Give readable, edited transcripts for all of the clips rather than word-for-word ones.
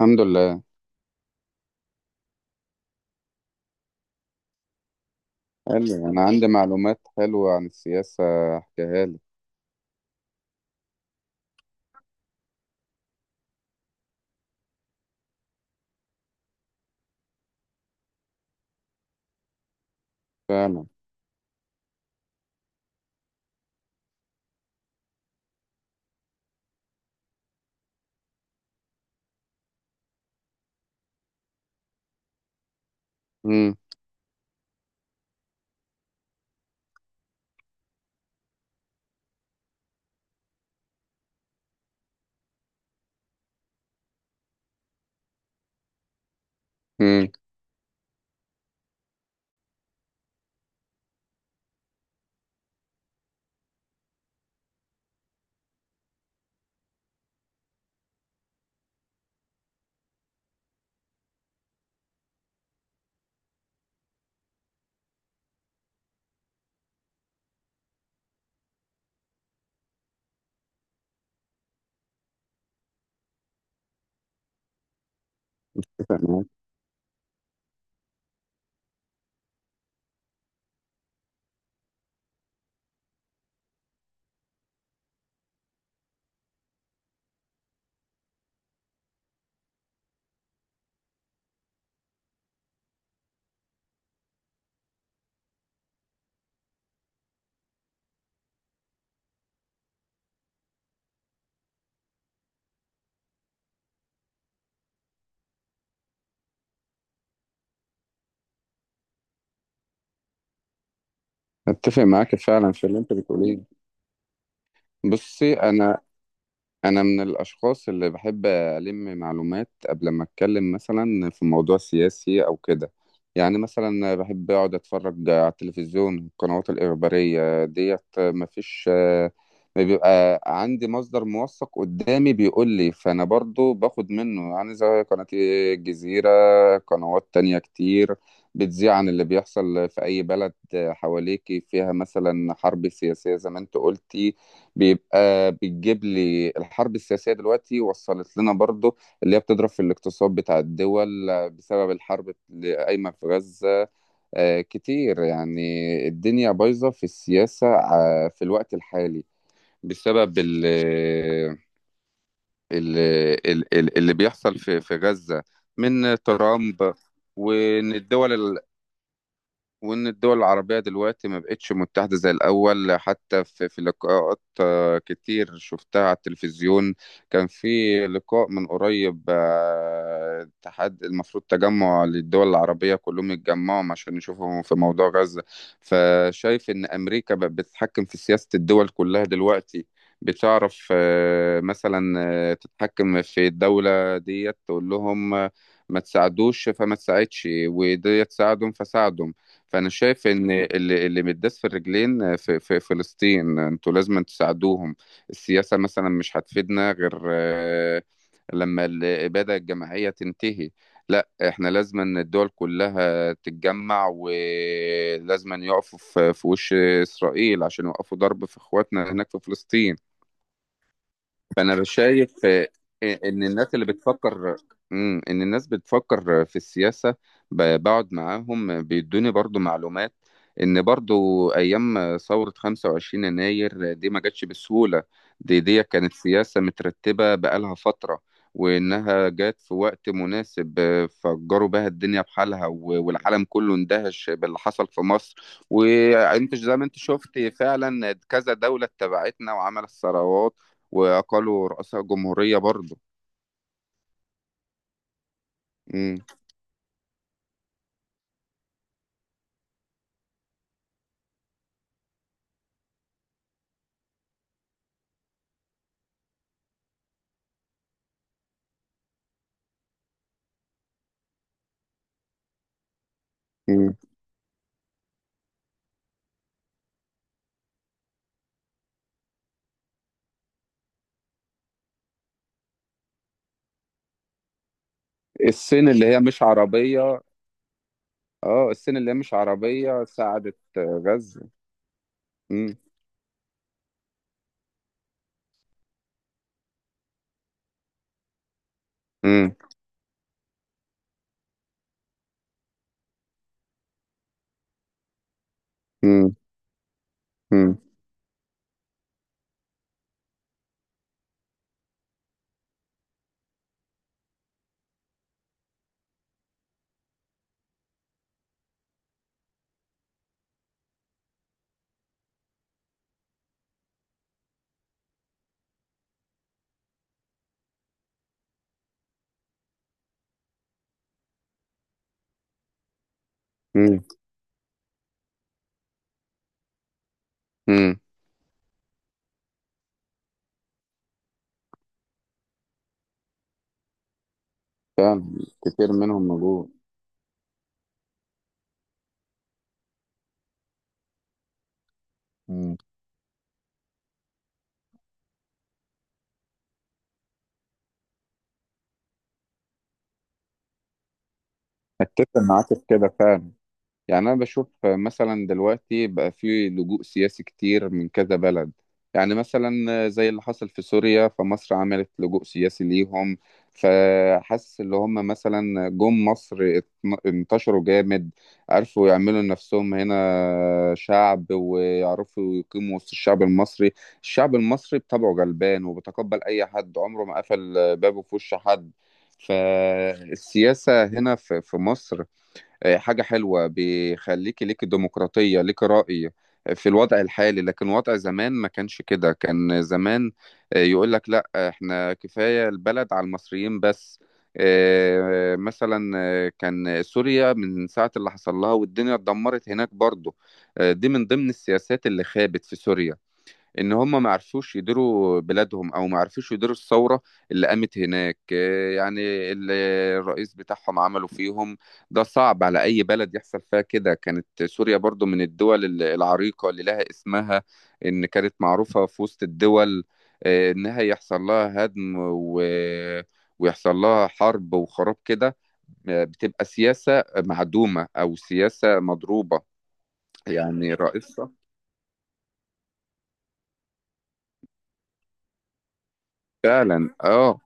الحمد لله. حلو، بس انا عندي معلومات حلوه عن السياسه، احكيها لك. فعلا. امم. امم. اتفق معاك اتفق معاك فعلا في اللي انت بتقوليه. بصي، انا من الاشخاص اللي بحب الم معلومات قبل ما اتكلم مثلا في موضوع سياسي او كده. يعني مثلا بحب اقعد اتفرج على التلفزيون، القنوات الاخباريه ديت، مفيش ما بيبقى عندي مصدر موثق قدامي بيقول لي، فانا برضو باخد منه، يعني زي قناة الجزيرة. قنوات تانية كتير بتذيع عن اللي بيحصل في اي بلد حواليكي، فيها مثلا حرب سياسية زي ما انت قلتي. بيبقى بتجيب لي الحرب السياسية دلوقتي وصلت لنا برضو، اللي هي بتضرب في الاقتصاد بتاع الدول بسبب الحرب اللي قايمة في غزة. كتير يعني. الدنيا بايظة في السياسة في الوقت الحالي، بسبب ال اللي بيحصل في غزة، من ترامب. وإن الدول وإن الدول العربية دلوقتي ما بقتش متحدة زي الأول، حتى في لقاءات كتير شفتها على التلفزيون. كان في لقاء من قريب، اتحاد المفروض تجمع للدول العربية كلهم يتجمعوا عشان يشوفوا في موضوع غزة. فشايف إن أمريكا بقت بتتحكم في سياسة الدول كلها دلوقتي. بتعرف، مثلا تتحكم في الدولة ديت، تقول لهم ما تساعدوش فما تساعدش، وديت تساعدهم فساعدهم. فانا شايف ان اللي متداس في الرجلين في فلسطين، انتوا لازم تساعدوهم. السياسه مثلا مش هتفيدنا غير لما الاباده الجماعيه تنتهي. لا، احنا لازم ان الدول كلها تتجمع، ولازم ان يقفوا في وش اسرائيل عشان يوقفوا ضرب في اخواتنا هناك في فلسطين. فانا شايف ان الناس اللي بتفكر، ان الناس بتفكر في السياسة، بقعد معاهم بيدوني برضو معلومات ان برضو ايام ثورة 25 يناير دي ما جاتش بسهولة. دي كانت سياسة مترتبة بقالها فترة، وانها جات في وقت مناسب. فجروا بها الدنيا بحالها، والعالم كله اندهش باللي حصل في مصر. وانت زي ما انت شفت فعلا كذا دولة اتبعتنا وعملت ثورات، واقالوا رؤساء جمهوريه برضه. امم. امم. الصين اللي هي مش عربيه. اه، الصين اللي هي مش عربيه ساعدت غزه. امم. امم. امم. امم. امم. امم. فعلا، كتير منهم موجود. امم. اتفق معاك في كده فعلا. يعني أنا بشوف مثلا دلوقتي بقى في لجوء سياسي كتير من كذا بلد. يعني مثلا زي اللي حصل في سوريا، فمصر عملت لجوء سياسي ليهم. فحس اللي هم مثلا جم مصر، انتشروا جامد، عرفوا يعملوا نفسهم هنا شعب، ويعرفوا يقيموا وسط الشعب المصري. الشعب المصري بطبعه غلبان، وبيتقبل أي حد، عمره ما قفل بابه في وش حد. فالسياسة هنا في مصر حاجة حلوة، بيخليكي ليكي ديمقراطية، ليكي رأي في الوضع الحالي. لكن وضع زمان ما كانش كده. كان زمان يقول لك لا، احنا كفاية البلد على المصريين بس. مثلا كان سوريا من ساعة اللي حصل لها، والدنيا اتدمرت هناك برضو. دي من ضمن السياسات اللي خابت في سوريا، ان هم ما عرفوش يديروا بلادهم، او ما عرفوش يديروا الثوره اللي قامت هناك. يعني اللي الرئيس بتاعهم عملوا فيهم، ده صعب على اي بلد يحصل فيها كده. كانت سوريا برضو من الدول العريقه اللي لها اسمها، ان كانت معروفه في وسط الدول. انها يحصل لها هدم، ويحصل لها حرب وخراب كده. بتبقى سياسة معدومة أو سياسة مضروبة. يعني رئيسها. فعلا، اه.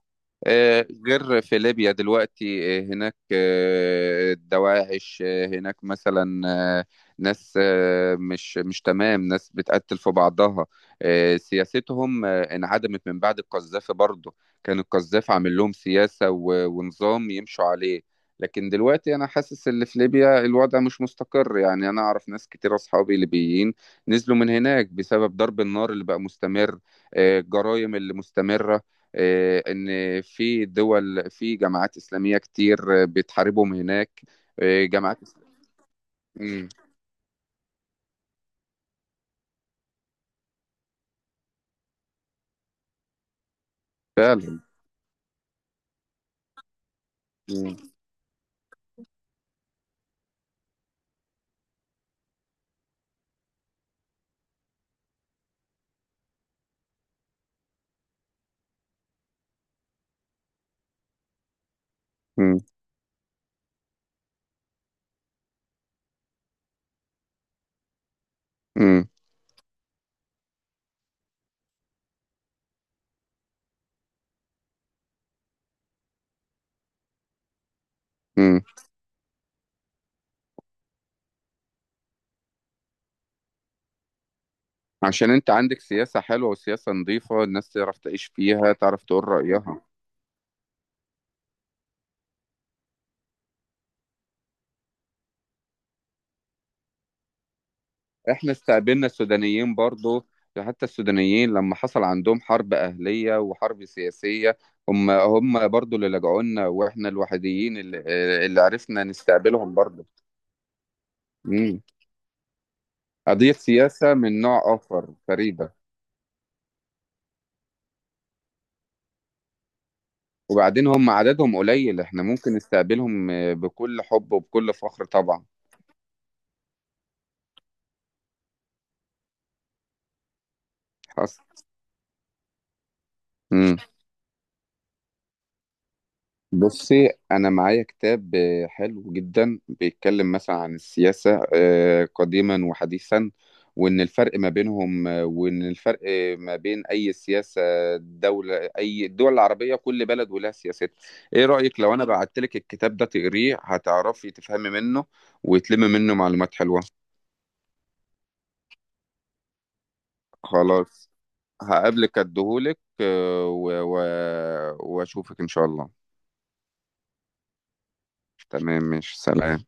غير في ليبيا دلوقتي، هناك دواعش، هناك مثلا آه، ناس، مش تمام، ناس بتقتل في بعضها. سياستهم انعدمت من بعد القذافي برضه. كان القذافي عامل لهم سياسة ونظام يمشوا عليه. لكن دلوقتي انا حاسس ان في ليبيا الوضع مش مستقر، يعني انا اعرف ناس كتير اصحابي ليبيين، نزلوا من هناك بسبب ضرب النار اللي بقى مستمر. الجرايم اللي مستمرة. ان في دول، في جماعات اسلاميه كتير بتحاربهم هناك. جماعات مم. فعلا. مم، مم، مم، مم. عشان انت عندك سياسه حلوه وسياسه نظيفه، الناس تعرف تعيش فيها، تعرف تقول رايها. احنا استقبلنا السودانيين برضو. حتى السودانيين لما حصل عندهم حرب اهليه وحرب سياسيه، هم برضو اللي لجعوا لنا، واحنا الوحيدين اللي عرفنا نستقبلهم برضو. قضية سياسة من نوع آخر فريدة. وبعدين هم عددهم قليل، احنا ممكن نستقبلهم بكل حب وبكل فخر طبعا. حصل. مم. بصي، أنا معايا كتاب حلو جدا، بيتكلم مثلا عن السياسة قديما وحديثا، وإن الفرق ما بينهم، وإن الفرق ما بين أي سياسة دولة، أي الدول العربية، كل بلد ولها سياستها. إيه رأيك لو أنا بعتلك الكتاب ده تقريه، هتعرفي تفهمي منه وتلمي منه معلومات حلوة. خلاص. هقابلك اديهولك، واشوفك ان شاء الله. تمام، مش سلام.